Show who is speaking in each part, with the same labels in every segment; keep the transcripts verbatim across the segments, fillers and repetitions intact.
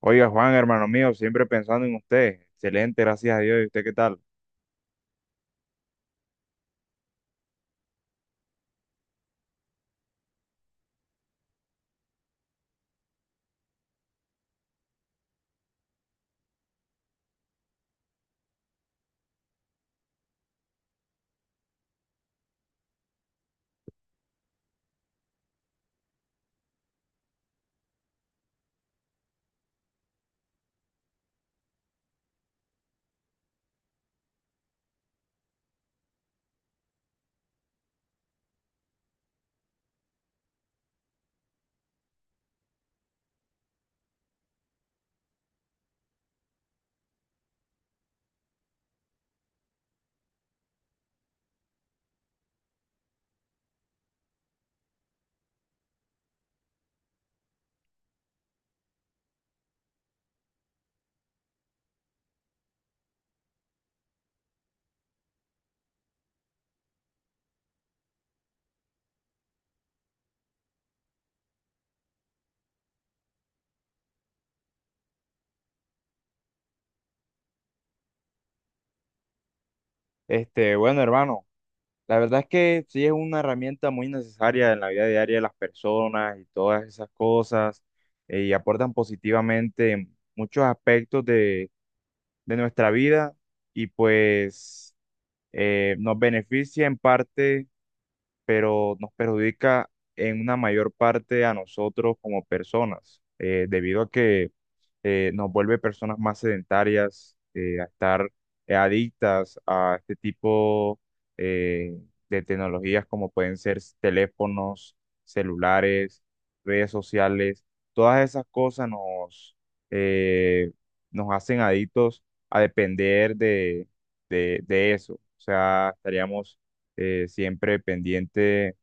Speaker 1: Oiga, Juan, hermano mío, siempre pensando en usted. Excelente, gracias a Dios. ¿Y usted qué tal? Este, bueno, hermano, la verdad es que sí es una herramienta muy necesaria en la vida diaria de las personas y todas esas cosas, eh, y aportan positivamente en muchos aspectos de, de nuestra vida y pues eh, nos beneficia en parte, pero nos perjudica en una mayor parte a nosotros como personas, eh, debido a que eh, nos vuelve personas más sedentarias, eh, a estar eh, adictas a este tipo eh, de tecnologías como pueden ser s- teléfonos, celulares, redes sociales. Todas esas cosas nos, eh, nos hacen adictos a depender de, de, de eso. O sea, estaríamos eh, siempre pendientes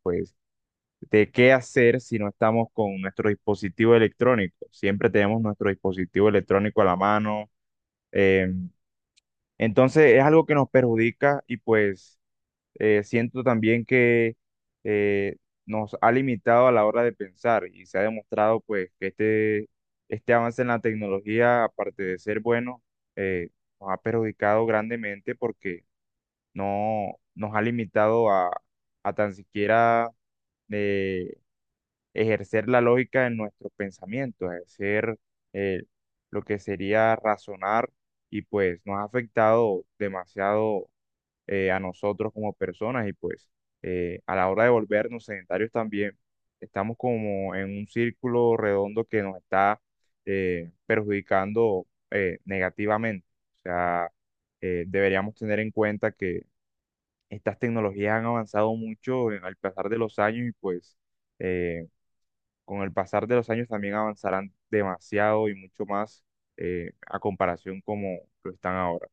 Speaker 1: de qué hacer si no estamos con nuestro dispositivo electrónico. Siempre tenemos nuestro dispositivo electrónico a la mano. eh, entonces es algo que nos perjudica y pues eh, siento también que eh, nos ha limitado a la hora de pensar y se ha demostrado pues que este, este avance en la tecnología, aparte de ser bueno, eh, nos ha perjudicado grandemente porque no nos ha limitado a, a tan siquiera... eh, ejercer la lógica en nuestros pensamientos, ejercer eh, lo que sería razonar y pues nos ha afectado demasiado eh, a nosotros como personas y pues eh, a la hora de volvernos sedentarios también estamos como en un círculo redondo que nos está eh, perjudicando eh, negativamente. O sea, eh, deberíamos tener en cuenta que estas tecnologías han avanzado mucho en- al pasar de los años y pues... eh, con el pasar de los años también avanzarán demasiado y mucho más eh, a comparación como lo están ahora.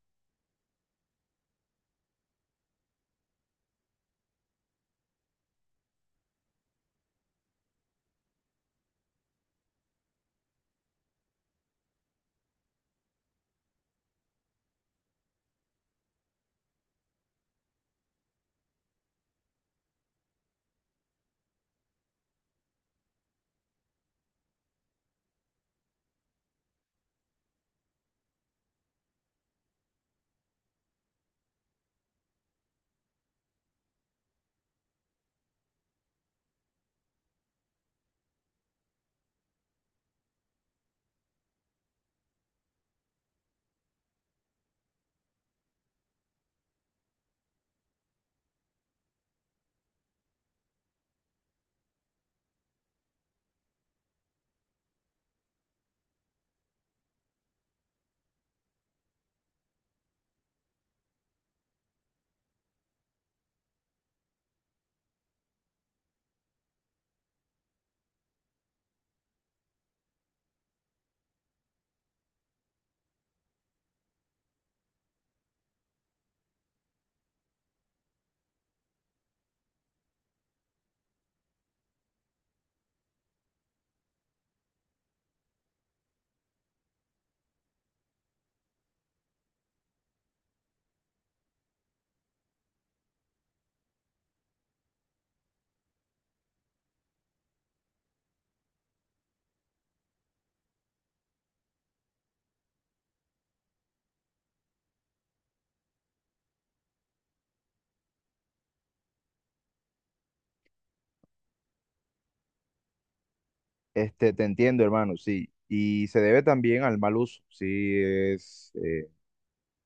Speaker 1: Este, te entiendo, hermano, sí. Y se debe también al mal uso, sí, es, eh,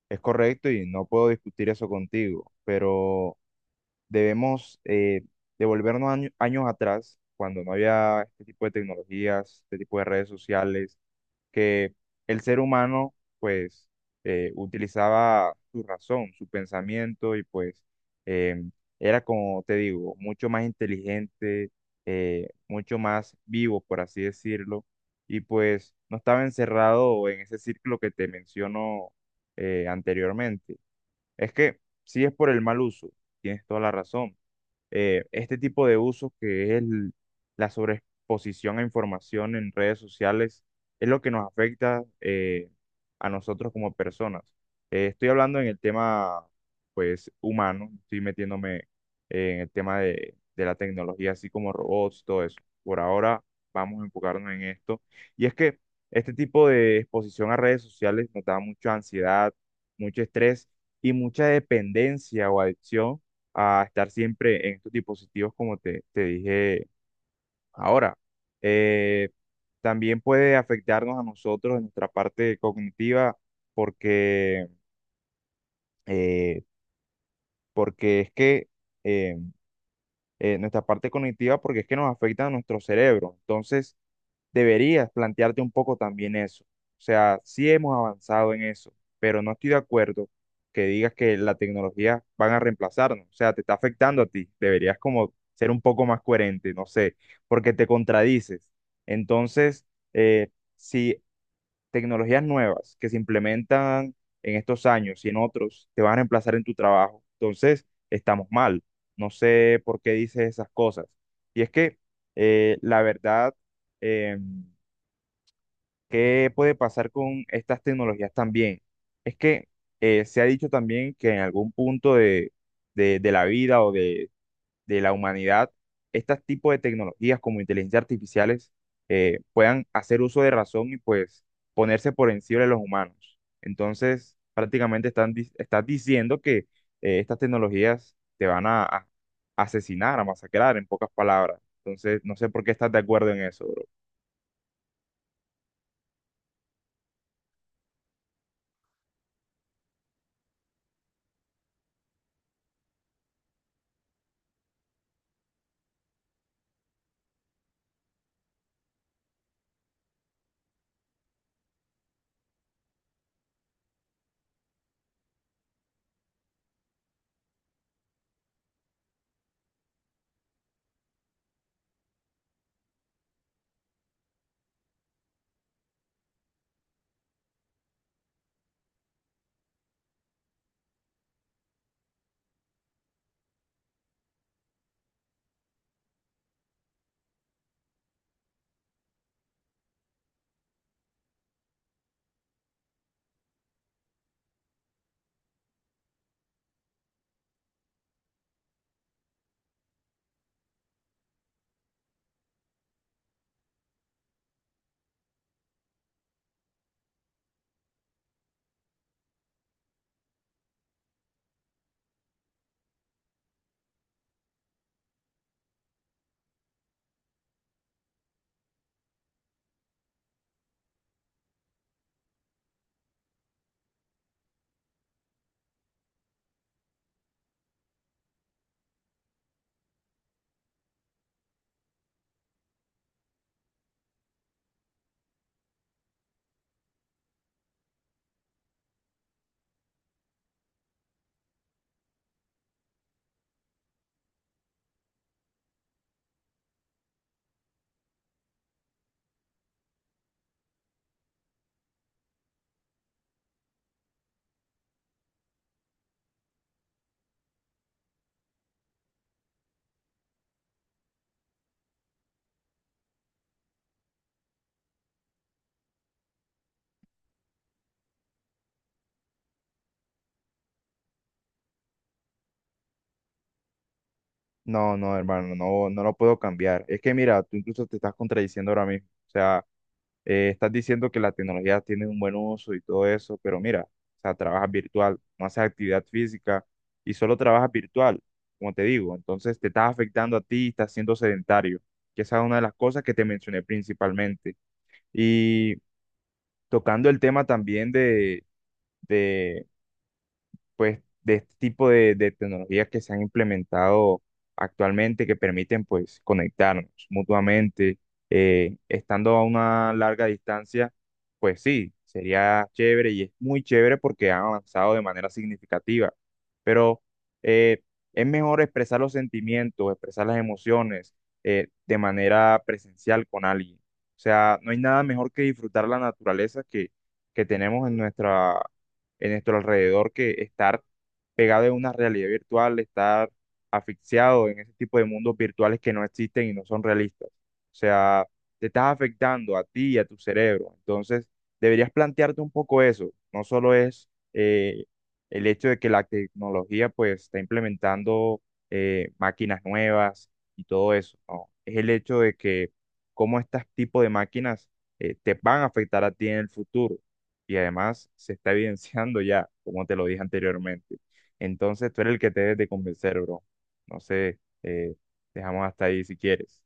Speaker 1: es correcto y no puedo discutir eso contigo, pero... debemos eh, devolvernos año- años atrás, cuando no había este tipo de tecnologías, este tipo de redes sociales, que el ser humano pues eh, utilizaba su razón, su pensamiento y pues eh, era como te digo, mucho más inteligente, eh, mucho más vivo, por así decirlo, y pues no estaba encerrado en ese círculo que te menciono eh, anteriormente. Es que si es por el mal uso, tienes toda la razón. Eh, este tipo de usos que es el- la sobreexposición a información en redes sociales es lo que nos afecta, eh, a nosotros como personas. Eh, estoy hablando en el tema, pues, humano, estoy metiéndome en el tema de, de la tecnología, así como robots, todo eso. Por ahora vamos a enfocarnos en esto. Y es que este tipo de exposición a redes sociales nos da mucha ansiedad, mucho estrés y mucha dependencia o adicción a estar siempre en estos dispositivos, como te, te dije ahora. Eh, también puede afectarnos a nosotros en nuestra parte cognitiva porque, eh, porque es que eh, eh, nuestra parte cognitiva porque es que nos afecta a nuestro cerebro. Entonces, deberías plantearte un poco también eso. O sea, sí hemos avanzado en eso, pero no estoy de acuerdo que digas que la tecnología van a reemplazarnos. O sea, te está afectando a ti. Deberías como ser un poco más coherente, no sé, porque te contradices. Entonces, eh, si tecnologías nuevas que se implementan en estos años y en otros te van a reemplazar en tu trabajo, entonces estamos mal. No sé por qué dices esas cosas. Y es que eh, la verdad, em, ¿qué puede pasar con estas tecnologías también? Es que eh, se ha dicho también que en algún punto de, de- de la vida o de, de la humanidad, estos tipos de tecnologías como inteligencia artificiales eh, puedan hacer uso de razón y pues ponerse por encima de los humanos. Entonces, prácticamente están, di- estás diciendo que eh, estas tecnologías te van a, a asesinar, a masacrar, en pocas palabras. Entonces, no sé por qué estás de acuerdo en eso. No, no, hermano, no, no lo puedo cambiar. Es que mira, tú incluso te estás contradiciendo ahora mismo. O sea, eh, estás diciendo que la tecnología tiene un buen uso y todo eso, pero mira, o sea, trabajas virtual, no haces actividad física y solo trabajas virtual, como te digo. Entonces te estás afectando a ti y estás siendo sedentario, que esa es una de las cosas que te mencioné principalmente. Y tocando el tema también de, pues, de este tipo de, de tecnologías que se han implementado actualmente que permiten, pues, conectarnos mutuamente, eh, estando a una larga distancia, pues sí, sería chévere y es muy chévere porque han avanzado de manera significativa, pero eh, es mejor expresar los sentimientos, expresar las emociones eh, de manera presencial con alguien. O sea, no hay nada mejor que disfrutar la naturaleza que, que tenemos en nuestra, en nuestro alrededor que estar pegado en una realidad virtual, estar asfixiado en ese tipo de mundos virtuales que no existen y no son realistas. O sea, te estás afectando a ti y a tu cerebro. Entonces, deberías plantearte un poco eso. No solo es eh, el hecho de que la tecnología pues está implementando eh, máquinas nuevas y todo eso, ¿no? Es el hecho de que cómo estos tipo de máquinas eh, te van a afectar a ti en el futuro y además se está evidenciando ya, como te lo dije anteriormente. Entonces tú eres el que te debes de convencer, bro. No sé, eh, dejamos hasta ahí si quieres.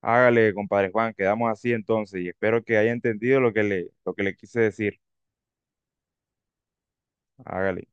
Speaker 1: Hágale, compadre Juan, quedamos así entonces y espero que haya entendido lo que le, lo que le quise decir. Hágale.